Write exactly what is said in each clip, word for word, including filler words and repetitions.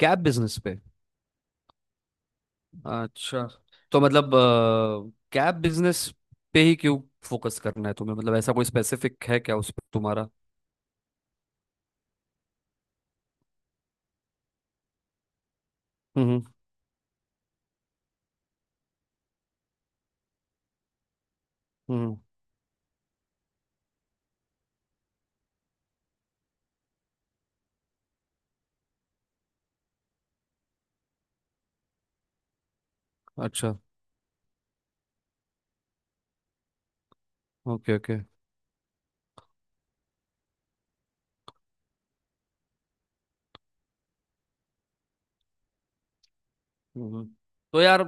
Cab business पे। अच्छा। तो मतलब कैब बिजनेस पे ही क्यों फोकस करना है तुम्हें? मतलब ऐसा कोई स्पेसिफिक है क्या उस पर तुम्हारा? हम्म। हम्म। अच्छा। ओके। ओके। हम्म। तो यार,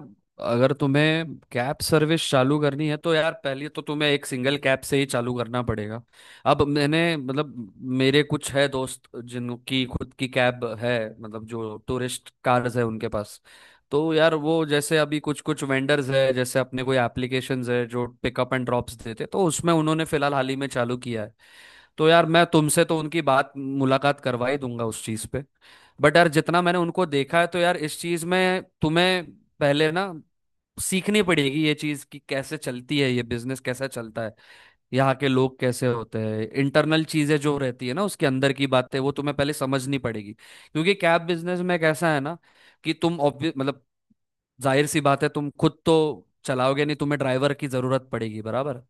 अगर तुम्हें कैब सर्विस चालू करनी है तो यार पहले तो तुम्हें एक सिंगल कैब से ही चालू करना पड़ेगा। अब मैंने मतलब मेरे कुछ है दोस्त जिनकी खुद की कैब है, मतलब जो टूरिस्ट कार्स है उनके पास। तो यार वो जैसे अभी कुछ कुछ वेंडर्स है, जैसे अपने कोई एप्लीकेशंस है जो पिकअप एंड ड्रॉप्स देते, तो उसमें उन्होंने फिलहाल हाल ही में चालू किया है। तो यार मैं तुमसे तो उनकी बात मुलाकात करवा ही दूंगा उस चीज पे। बट यार, जितना मैंने उनको देखा है तो यार इस चीज में तुम्हें पहले ना सीखनी पड़ेगी ये चीज, कि कैसे चलती है ये बिजनेस, कैसा चलता है, यहाँ के लोग कैसे होते हैं, इंटरनल चीजें जो रहती है ना उसके अंदर की बातें वो तुम्हें पहले समझनी पड़ेगी, क्योंकि कैब बिजनेस में कैसा है ना कि तुम obvi- मतलब जाहिर सी बात है तुम खुद तो चलाओगे नहीं, तुम्हें ड्राइवर की जरूरत पड़ेगी बराबर।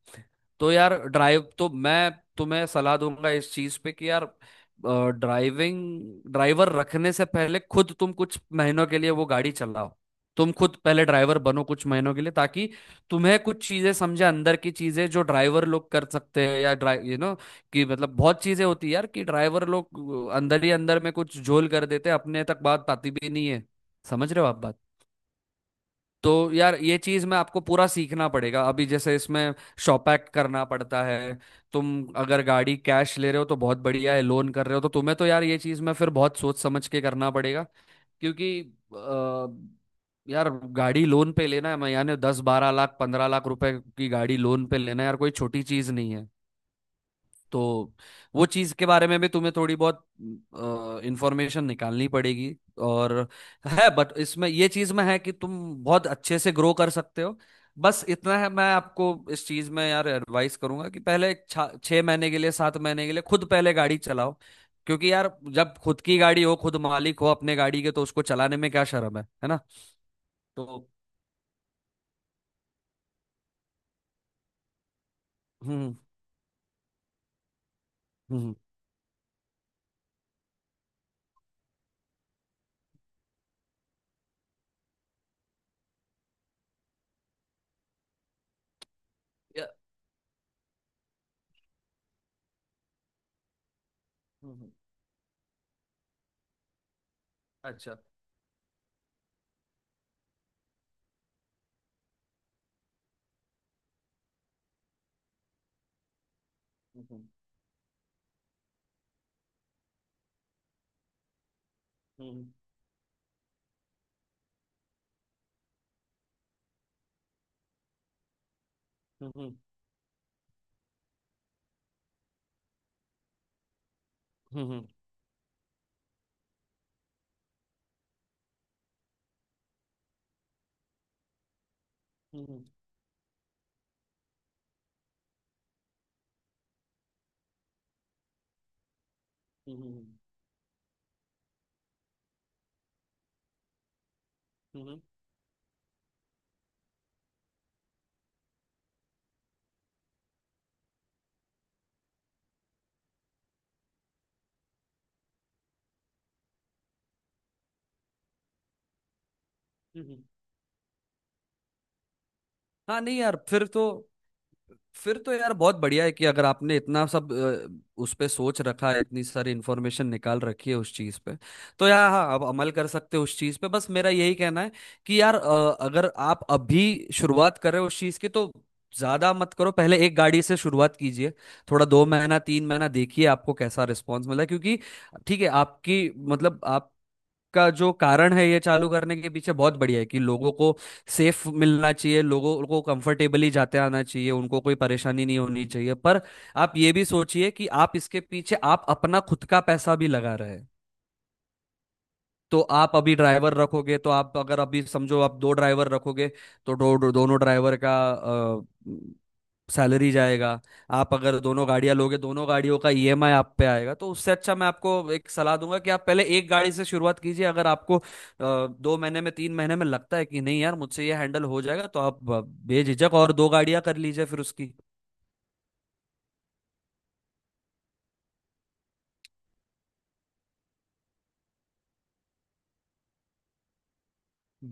तो यार ड्राइव तो मैं तुम्हें सलाह दूंगा इस चीज पे कि यार ड्राइविंग ड्राइवर रखने से पहले खुद तुम कुछ महीनों के लिए वो गाड़ी चलाओ। तुम खुद पहले ड्राइवर बनो कुछ महीनों के लिए, ताकि तुम्हें कुछ चीजें समझे, अंदर की चीजें जो ड्राइवर लोग कर सकते हैं या ड्राइव यू नो कि मतलब बहुत चीजें होती है यार, कि ड्राइवर लोग अंदर ही अंदर में कुछ झोल कर देते हैं, अपने तक बात पाती भी नहीं है। समझ रहे हो आप बात? तो यार ये चीज में आपको पूरा सीखना पड़ेगा। अभी जैसे इसमें शॉप एक्ट करना पड़ता है। तुम अगर गाड़ी कैश ले रहे हो तो बहुत बढ़िया है, लोन कर रहे हो तो तुम्हें तो यार ये चीज में फिर बहुत सोच समझ के करना पड़ेगा, क्योंकि अ, यार गाड़ी लोन पे लेना है, मैं यानी दस बारह लाख पंद्रह लाख रुपए की गाड़ी लोन पे लेना है यार, कोई छोटी चीज नहीं है। तो वो चीज के बारे में भी तुम्हें थोड़ी बहुत इंफॉर्मेशन निकालनी पड़ेगी। और है बट इसमें ये चीज में है कि तुम बहुत अच्छे से ग्रो कर सकते हो। बस इतना है मैं आपको इस चीज में यार एडवाइस करूंगा कि पहले एक छा- छह महीने के लिए सात महीने के लिए खुद पहले गाड़ी चलाओ, क्योंकि यार जब खुद की गाड़ी हो, खुद मालिक हो अपने गाड़ी के, तो उसको चलाने में क्या शर्म है है ना? तो हम्म। हम्म। या- हम्म। अच्छा। हम्म हम्म हम्म। हम्म। हम्म। हम्म। हम्म। हम्म। हम्म। हम्म। हम्म। हम्म। हाँ नहीं यार, फिर तो फिर तो यार बहुत बढ़िया है कि अगर आपने इतना सब अ, उस पे सोच रखा है, इतनी सारी इंफॉर्मेशन निकाल रखी है उस चीज पे। तो यार हाँ, आप अमल कर सकते हो उस चीज पे। बस मेरा यही कहना है कि यार अ, अगर आप अभी शुरुआत कर रहे हो उस चीज की, तो ज्यादा मत करो, पहले एक गाड़ी से शुरुआत कीजिए। थोड़ा दो महीना तीन महीना देखिए आपको कैसा रिस्पॉन्स मिला है। क्योंकि ठीक है आपकी मतलब आप का जो कारण है ये चालू करने के पीछे बहुत बढ़िया है, कि लोगों को सेफ मिलना चाहिए, लोगों को कंफर्टेबली जाते आना चाहिए, उनको कोई परेशानी नहीं होनी चाहिए। पर आप ये भी सोचिए कि आप इसके पीछे आप अपना खुद का पैसा भी लगा रहे हैं। तो आप अभी ड्राइवर रखोगे, तो आप अगर अभी समझो आप दो ड्राइवर रखोगे, तो दो, दो, दोनों ड्राइवर का सैलरी जाएगा। आप अगर दोनों गाड़ियां लोगे, दोनों गाड़ियों का ईएमआई आप पे आएगा। तो उससे अच्छा मैं आपको एक सलाह दूंगा कि आप पहले एक गाड़ी से शुरुआत कीजिए। अगर आपको अ, दो महीने में तीन महीने में लगता है कि नहीं यार मुझसे ये हैंडल हो जाएगा, तो आप अ, बेझिझक और दो गाड़ियां कर लीजिए फिर उसकी।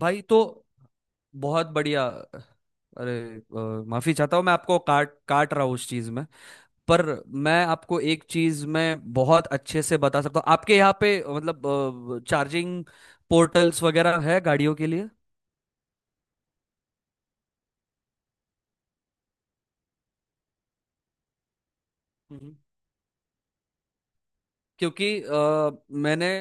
भाई तो बहुत बढ़िया! अरे अ, माफी चाहता हूँ, मैं आपको काट काट रहा हूँ उस चीज में। पर मैं आपको एक चीज में बहुत अच्छे से बता सकता हूँ। आपके यहाँ पे मतलब चार्जिंग पोर्टल्स वगैरह है गाड़ियों के लिए? हम्म। क्योंकि अ, मैंने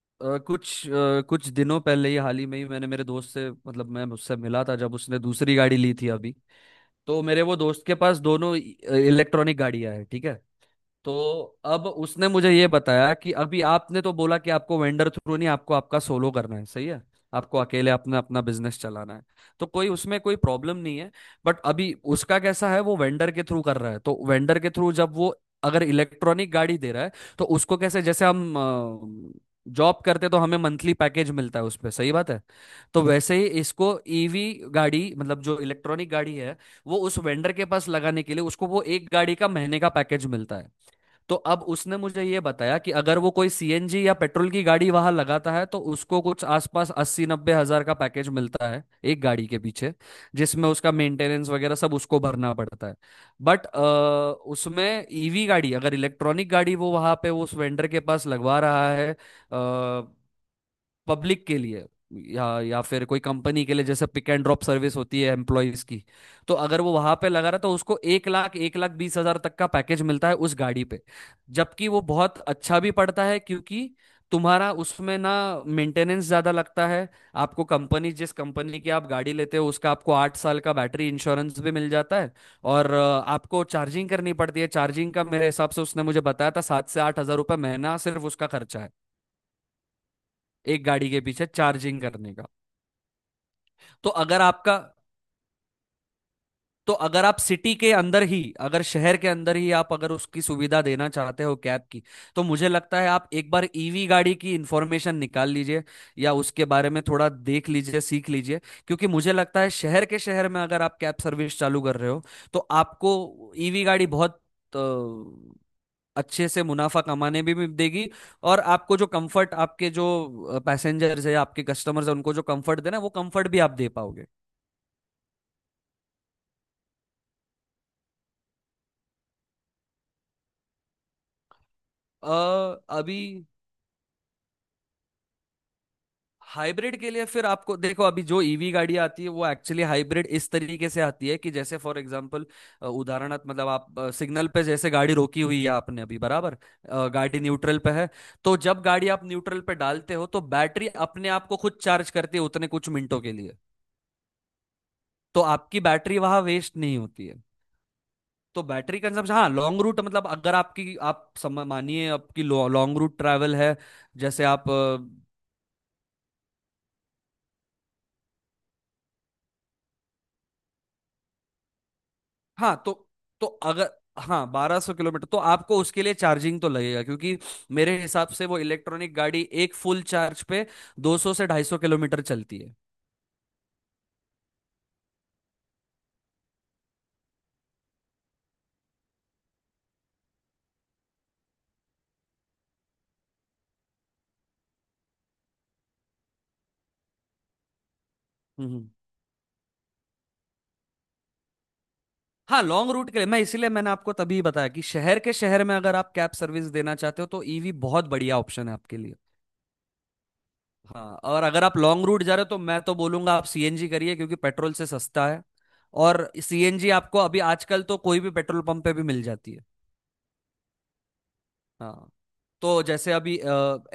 अ, कुछ अ, कुछ दिनों पहले ही, हाल ही में ही, मैंने मेरे दोस्त से, मतलब मैं उससे मिला था जब उसने दूसरी गाड़ी ली थी अभी। तो मेरे वो दोस्त के पास दोनों इलेक्ट्रॉनिक गाड़ियां हैं, ठीक है? तो अब उसने मुझे ये बताया कि अभी आपने तो बोला कि आपको वेंडर थ्रू नहीं, आपको आपका सोलो करना है, सही है? आपको अकेले अपना अपना बिजनेस चलाना है। तो कोई उसमें कोई प्रॉब्लम नहीं है। बट अभी उसका कैसा है, वो वेंडर के थ्रू कर रहा है। तो वेंडर के थ्रू जब वो अगर इलेक्ट्रॉनिक गाड़ी दे रहा है, तो उसको कैसे, जैसे हम जॉब करते तो हमें मंथली पैकेज मिलता है उस पे, सही बात है? तो वैसे ही इसको ईवी गाड़ी, मतलब जो इलेक्ट्रॉनिक गाड़ी है, वो उस वेंडर के पास लगाने के लिए उसको वो एक गाड़ी का महीने का पैकेज मिलता है। तो अब उसने मुझे ये बताया कि अगर वो कोई सीएनजी या पेट्रोल की गाड़ी वहां लगाता है तो उसको कुछ आसपास अस्सी नब्बे हजार का पैकेज मिलता है एक गाड़ी के पीछे, जिसमें उसका मेंटेनेंस वगैरह सब उसको भरना पड़ता है। बट उसमें ईवी गाड़ी, अगर इलेक्ट्रॉनिक गाड़ी वो वहां पे उस वेंडर के पास लगवा रहा है पब्लिक के लिए या या फिर कोई कंपनी के लिए, जैसे पिक एंड ड्रॉप सर्विस होती है एम्प्लॉयज की, तो अगर वो वहां पे लगा रहा तो उसको एक लाख एक लाख बीस हजार तक का पैकेज मिलता है उस गाड़ी पे। जबकि वो बहुत अच्छा भी पड़ता है, क्योंकि तुम्हारा उसमें ना मेंटेनेंस ज्यादा लगता है। आपको कंपनी, जिस कंपनी की आप गाड़ी लेते हो उसका, आपको आठ साल का बैटरी इंश्योरेंस भी मिल जाता है। और अ, आपको चार्जिंग करनी पड़ती है, चार्जिंग का मेरे हिसाब से उसने मुझे बताया था सात से आठ हजार रुपये महीना सिर्फ उसका खर्चा है एक गाड़ी के पीछे चार्जिंग करने का। तो अगर आपका, तो अगर आप सिटी के अंदर ही, अगर शहर के अंदर ही आप अगर उसकी सुविधा देना चाहते हो कैब की, तो मुझे लगता है आप एक बार ईवी गाड़ी की इंफॉर्मेशन निकाल लीजिए, या उसके बारे में थोड़ा देख लीजिए, सीख लीजिए। क्योंकि मुझे लगता है शहर के शहर में अगर आप कैब सर्विस चालू कर रहे हो, तो आपको ईवी गाड़ी बहुत अ, अच्छे से मुनाफा कमाने भी, भी देगी। और आपको जो कंफर्ट, आपके जो पैसेंजर्स है, आपके कस्टमर्स है, उनको जो कंफर्ट देना है, वो कंफर्ट भी आप दे पाओगे। अ, अभी हाइब्रिड के लिए फिर आपको देखो, अभी जो ईवी गाड़ी आती है वो एक्चुअली हाइब्रिड इस तरीके से आती है कि जैसे फॉर एग्जांपल, उदाहरणार्थ, मतलब आप सिग्नल पे जैसे गाड़ी रोकी हुई है आपने अभी बराबर, अ, गाड़ी न्यूट्रल पे है, तो जब गाड़ी आप न्यूट्रल पे डालते हो तो बैटरी अपने आप को खुद चार्ज करती है उतने कुछ मिनटों के लिए। तो आपकी बैटरी वहां वेस्ट नहीं होती है। तो बैटरी कंजम्पशन, हाँ लॉन्ग रूट मतलब अगर आपकी, आप सम- मानिए आपकी लॉन्ग रूट ट्रैवल है, जैसे आप। हाँ तो तो अगर, हाँ बारह सौ किलोमीटर, तो आपको उसके लिए चार्जिंग तो लगेगा, क्योंकि मेरे हिसाब से वो इलेक्ट्रॉनिक गाड़ी एक फुल चार्ज पे दो सौ से ढाई सौ किलोमीटर चलती है। हम्म। हाँ लॉन्ग रूट के लिए मैं, इसीलिए मैंने आपको तभी बताया कि शहर के शहर में अगर आप कैब सर्विस देना चाहते हो, तो ईवी बहुत बढ़िया ऑप्शन है आपके लिए। हाँ, और अगर आप लॉन्ग रूट जा रहे हो तो मैं तो बोलूंगा आप सीएनजी करिए, क्योंकि पेट्रोल से सस्ता है। और सीएनजी आपको अभी आजकल तो कोई भी पेट्रोल पंप पे भी मिल जाती है। हाँ। तो जैसे अभी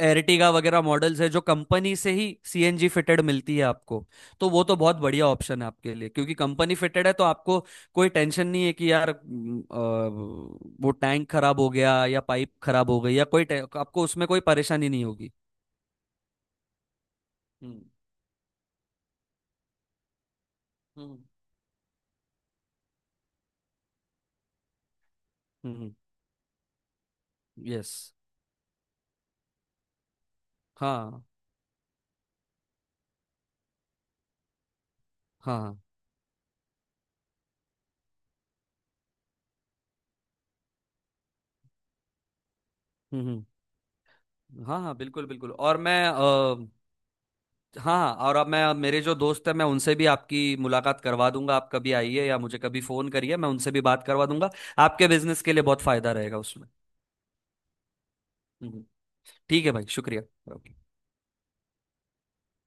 एरटिगा वगैरह मॉडल्स है जो कंपनी से ही सीएनजी फिटेड मिलती है आपको। तो वो तो बहुत बढ़िया ऑप्शन है आपके लिए, क्योंकि कंपनी फिटेड है तो आपको कोई टेंशन नहीं है कि यार हम्म, अ, वो टैंक खराब हो गया या पाइप खराब हो गई या कोई टे- आपको उसमें कोई परेशानी नहीं होगी। हम्म। हम्म। यस। हाँ। हाँ। हम्म। हम्म। हाँ हाँ बिल्कुल बिल्कुल। और मैं। हाँ, और अब मैं, अब मेरे जो दोस्त हैं मैं उनसे भी आपकी मुलाकात करवा दूंगा। आप कभी आइए या मुझे कभी फोन करिए, मैं उनसे भी बात करवा दूंगा। आपके बिजनेस के लिए बहुत फायदा रहेगा उसमें। हम्म। ठीक है भाई, शुक्रिया।